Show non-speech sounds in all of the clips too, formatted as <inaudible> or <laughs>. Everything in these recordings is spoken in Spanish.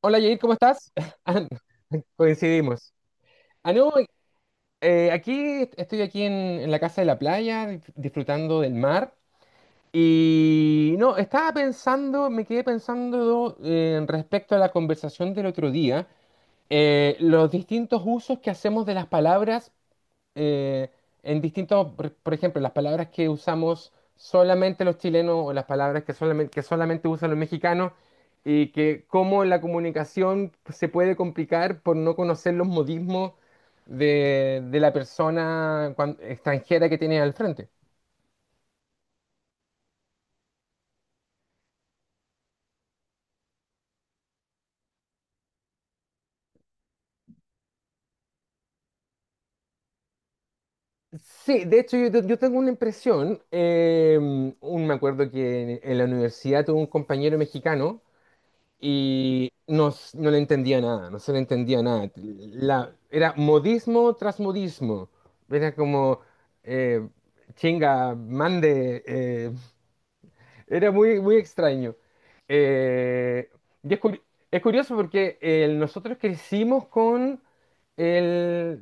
Hola Jair, ¿cómo estás? <laughs> Ah, no, coincidimos. Ah, no, aquí estoy aquí en, la casa de la playa, disfrutando del mar. Y no, estaba pensando, me quedé pensando respecto a la conversación del otro día, los distintos usos que hacemos de las palabras eh, en distintos, por ejemplo, las palabras que usamos solamente los chilenos o las palabras que solamente, usan los mexicanos y que cómo la comunicación se puede complicar por no conocer los modismos de la persona extranjera que tiene al frente. Sí, de hecho yo tengo una impresión, me acuerdo que en, la universidad tuve un compañero mexicano y no, no le entendía nada, no se le entendía nada. Era modismo tras modismo. Era como, eh, chinga, mande. Era muy, muy extraño. Eh, y es, curi- es curioso porque nosotros crecimos con el-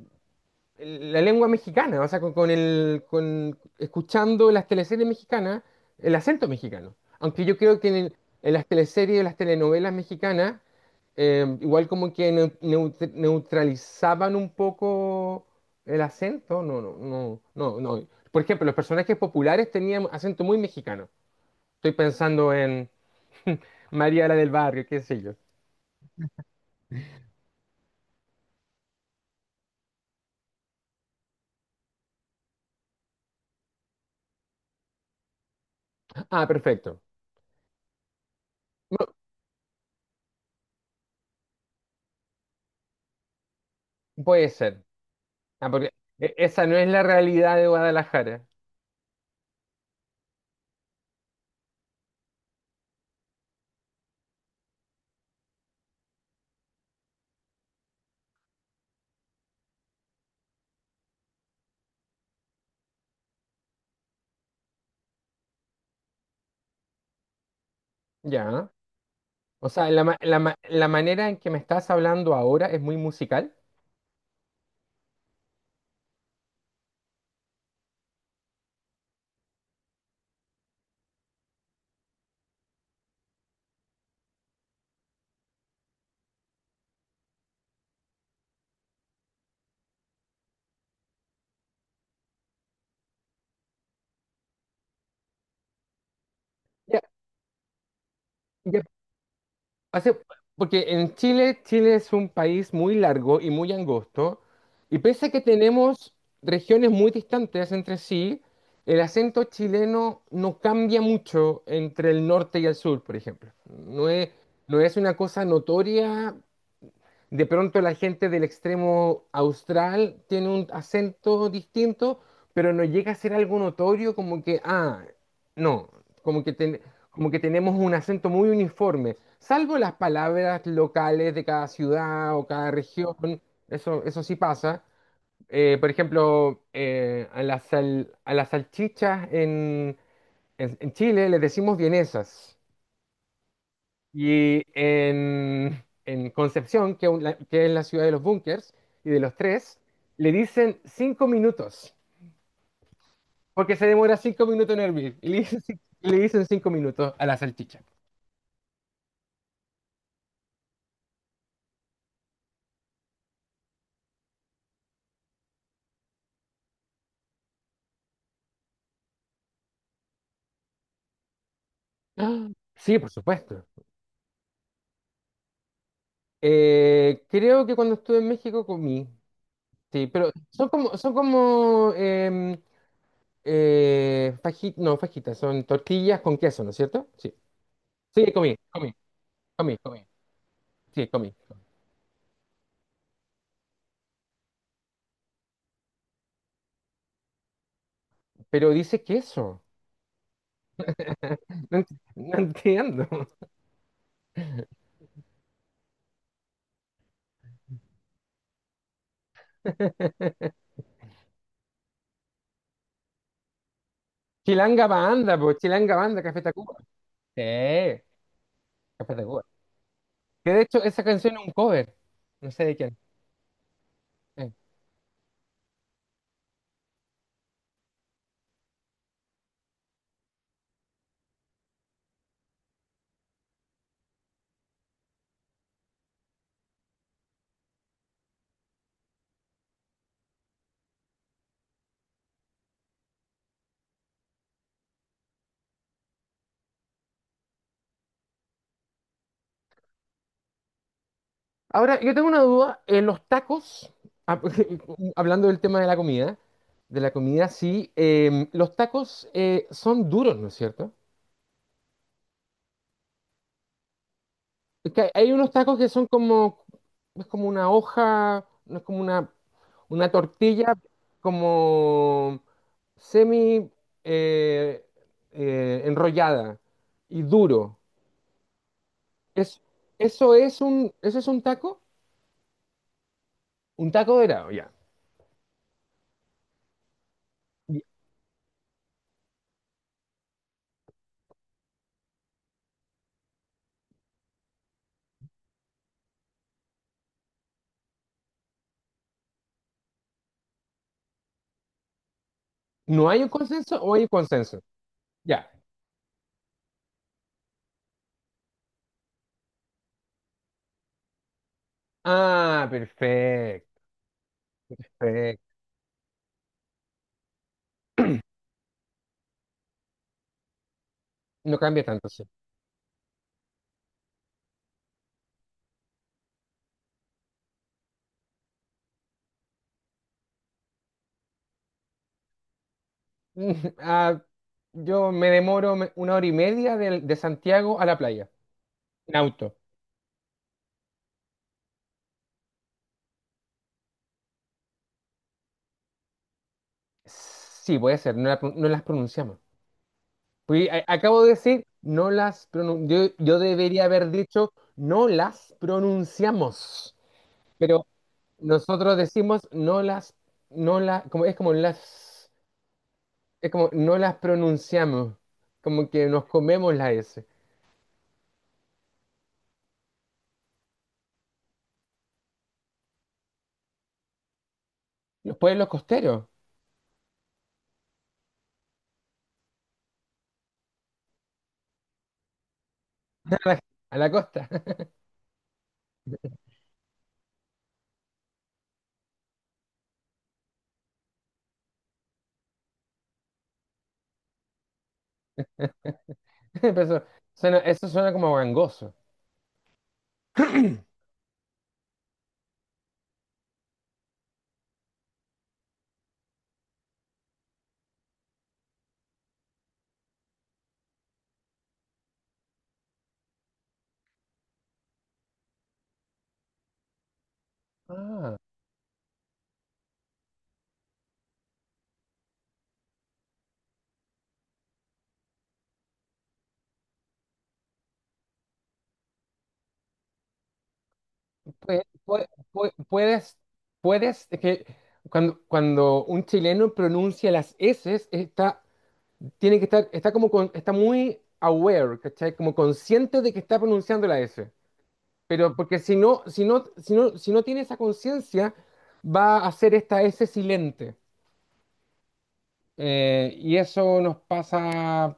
la lengua mexicana, o sea, escuchando las teleseries mexicanas, el acento mexicano. Aunque yo creo que en, en las teleseries las telenovelas mexicanas igual como que neutralizaban un poco el acento. No, no, no, no, no. Por ejemplo, los personajes populares tenían acento muy mexicano. Estoy pensando en <laughs> María la del Barrio, qué sé yo. Ah, perfecto. Puede ser. Ah, porque esa no es la realidad de Guadalajara. Ya. O sea, la manera en que me estás hablando ahora es muy musical. Ya, Hace, Porque en Chile, Chile es un país muy largo y muy angosto, y pese a que tenemos regiones muy distantes entre sí, el acento chileno no cambia mucho entre el norte y el sur, por ejemplo. No es una cosa notoria. De pronto la gente del extremo austral tiene un acento distinto, pero no llega a ser algo notorio como que, ah, no, como que, ten- como que tenemos un acento muy uniforme, salvo las palabras locales de cada ciudad o cada región, eso sí pasa. Por ejemplo, a a las salchichas en, en Chile les decimos vienesas. Y en, Concepción, que es la ciudad de los búnkers y de los tres, le dicen cinco minutos, porque se demora cinco minutos en hervir. Y le dicen, <laughs> y le dicen cinco minutos a la salchicha. <gasps> Ah. Sí, por supuesto. Creo que cuando estuve en México comí. Sí, pero son como no, fajitas, son tortillas con queso, ¿no es cierto? Sí. Sí, comí, comí, comí, comí. Sí, comí. Pero dice queso. No, no entiendo. <laughs> Chilanga Banda, pues Chilanga Banda, Café Tacuba. Sí, Café Tacuba. Que de hecho esa canción es un cover. No sé de quién. Eh. Ahora, yo tengo una duda. En los tacos, ah, <laughs> hablando del tema de la comida, sí, los tacos son duros, ¿no es cierto? Es que hay unos tacos que son como, es como una hoja, no es como una tortilla, como semi eh, enrollada y duro. Es, eso es un taco dorado, ya. Y- ¿No hay un consenso o hay un consenso? Ya. Ah, perfecto, perfecto. No cambia tanto, sí. <laughs> Ah, yo me demoro una hora y media de Santiago a la playa, en auto. Sí, puede ser, no, no las pronunciamos. Acabo de decir, no las. Yo debería haber dicho, no las pronunciamos. Pero nosotros decimos, no las, no la, como, es como las, es como, no las pronunciamos. Como que nos comemos la S. Los pueblos costeros, a la costa. <laughs> Pero eso suena como gangoso. Ah. Pue- pue- pue- Puedes, puedes, es que cuando un chileno pronuncia las S, está, tiene que estar, está muy aware, ¿cachai? Como consciente de que está pronunciando la S. Pero porque si no tiene esa conciencia, va a hacer esta S silente. Y eso nos pasa,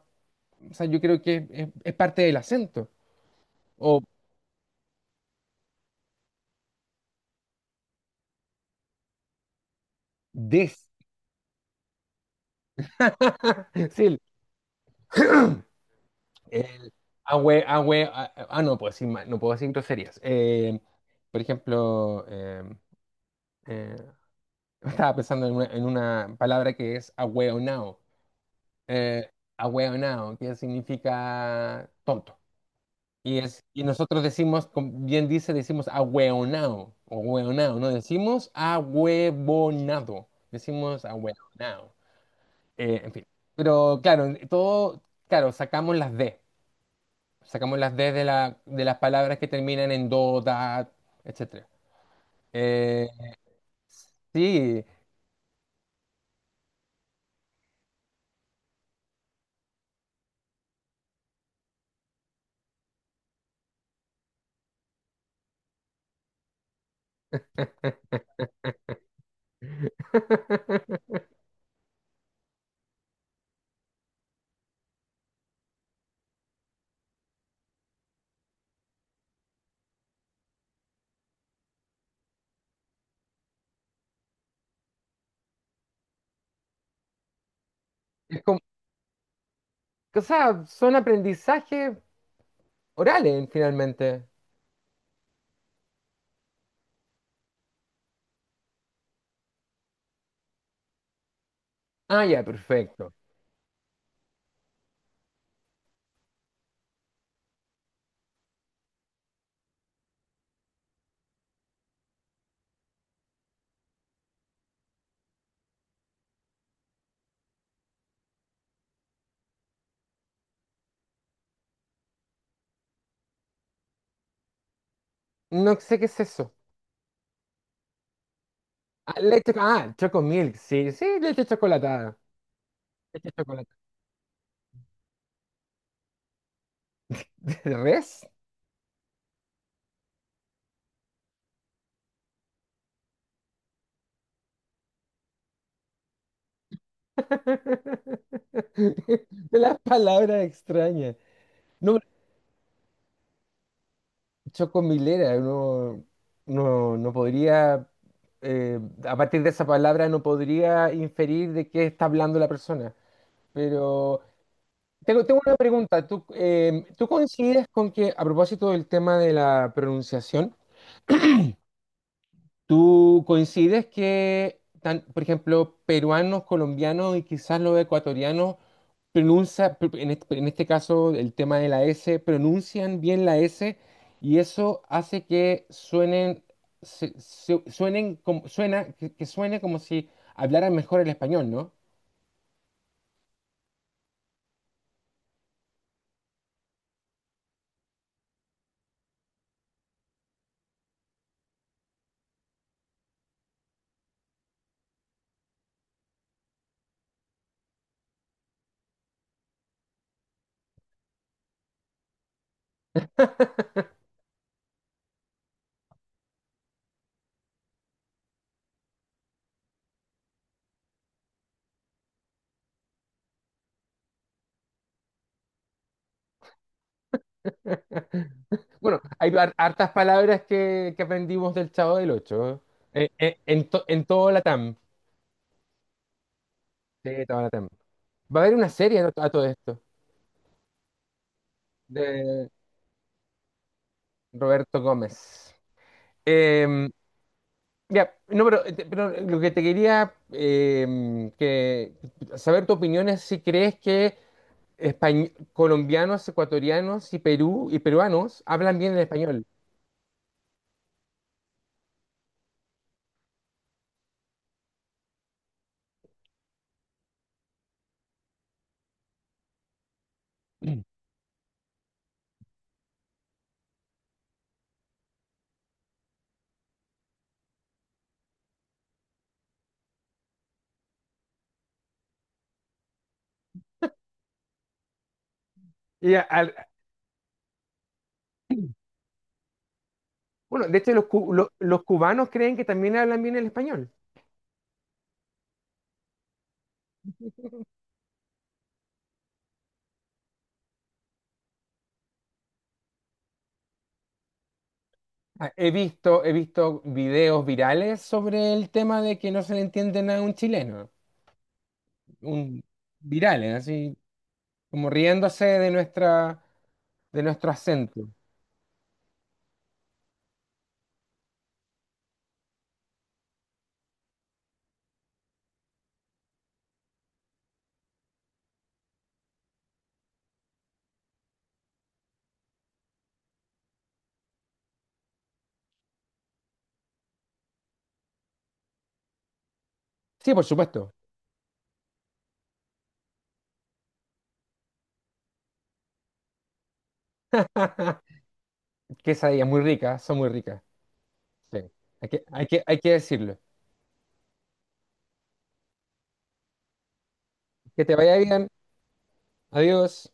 o sea, yo creo que es parte del acento. O des. <laughs> Sí, El ahue, ahue, ah, ah, ah, no puedo decir, no puedo decir groserías. Por ejemplo, eh, <laughs> estaba pensando en una, palabra que es ahueonao. Eh, Ahueonao, que significa tonto. Y nosotros decimos, como bien dice, decimos ahueonao o hueonao. No decimos ahuevonado, decimos ahueonao. En fin. Pero claro, sacamos las D. Sacamos las D de las palabras que terminan en do, da, etc. sí, <laughs> es como, o sea, son aprendizajes orales finalmente. Ah, ya, perfecto. No sé qué es eso. Ah, leche, ah, choco sí, sí, leche chocolatada. Leche chocolatada. <laughs> ¿De res? <laughs> De las palabras extrañas. No Chocomilera, no, no, no podría, eh, a partir de esa palabra no podría inferir de qué está hablando la persona. Pero tengo una pregunta. ¿Tú coincides con que, a propósito del tema de la pronunciación, ¿tú coincides que, por ejemplo, peruanos, colombianos y quizás los ecuatorianos en este, caso el tema de la S, pronuncian bien la S y eso hace que suenen, suenen como, que suene como si hablaran mejor el español, ¿no? Bueno, hay hartas palabras que, aprendimos del Chavo del Ocho, en, en todo Latam. Sí, todo Latam. Va a haber una serie a todo esto de Roberto Gómez. Em, Ya, no, pero, pero lo que te quería saber tu opinión es si crees que colombianos, ecuatorianos y Perú y peruanos hablan bien el español. Y a- al- bueno, de hecho los cubanos creen que también hablan bien el español. Ah, He visto videos virales sobre el tema de que no se le entiende nada a un chileno, un virales, así como riéndose de nuestro acento. Sí, por supuesto. <laughs> Quesadillas muy ricas, son muy ricas. Sí. Hay que decirlo. Que te vaya bien. Adiós.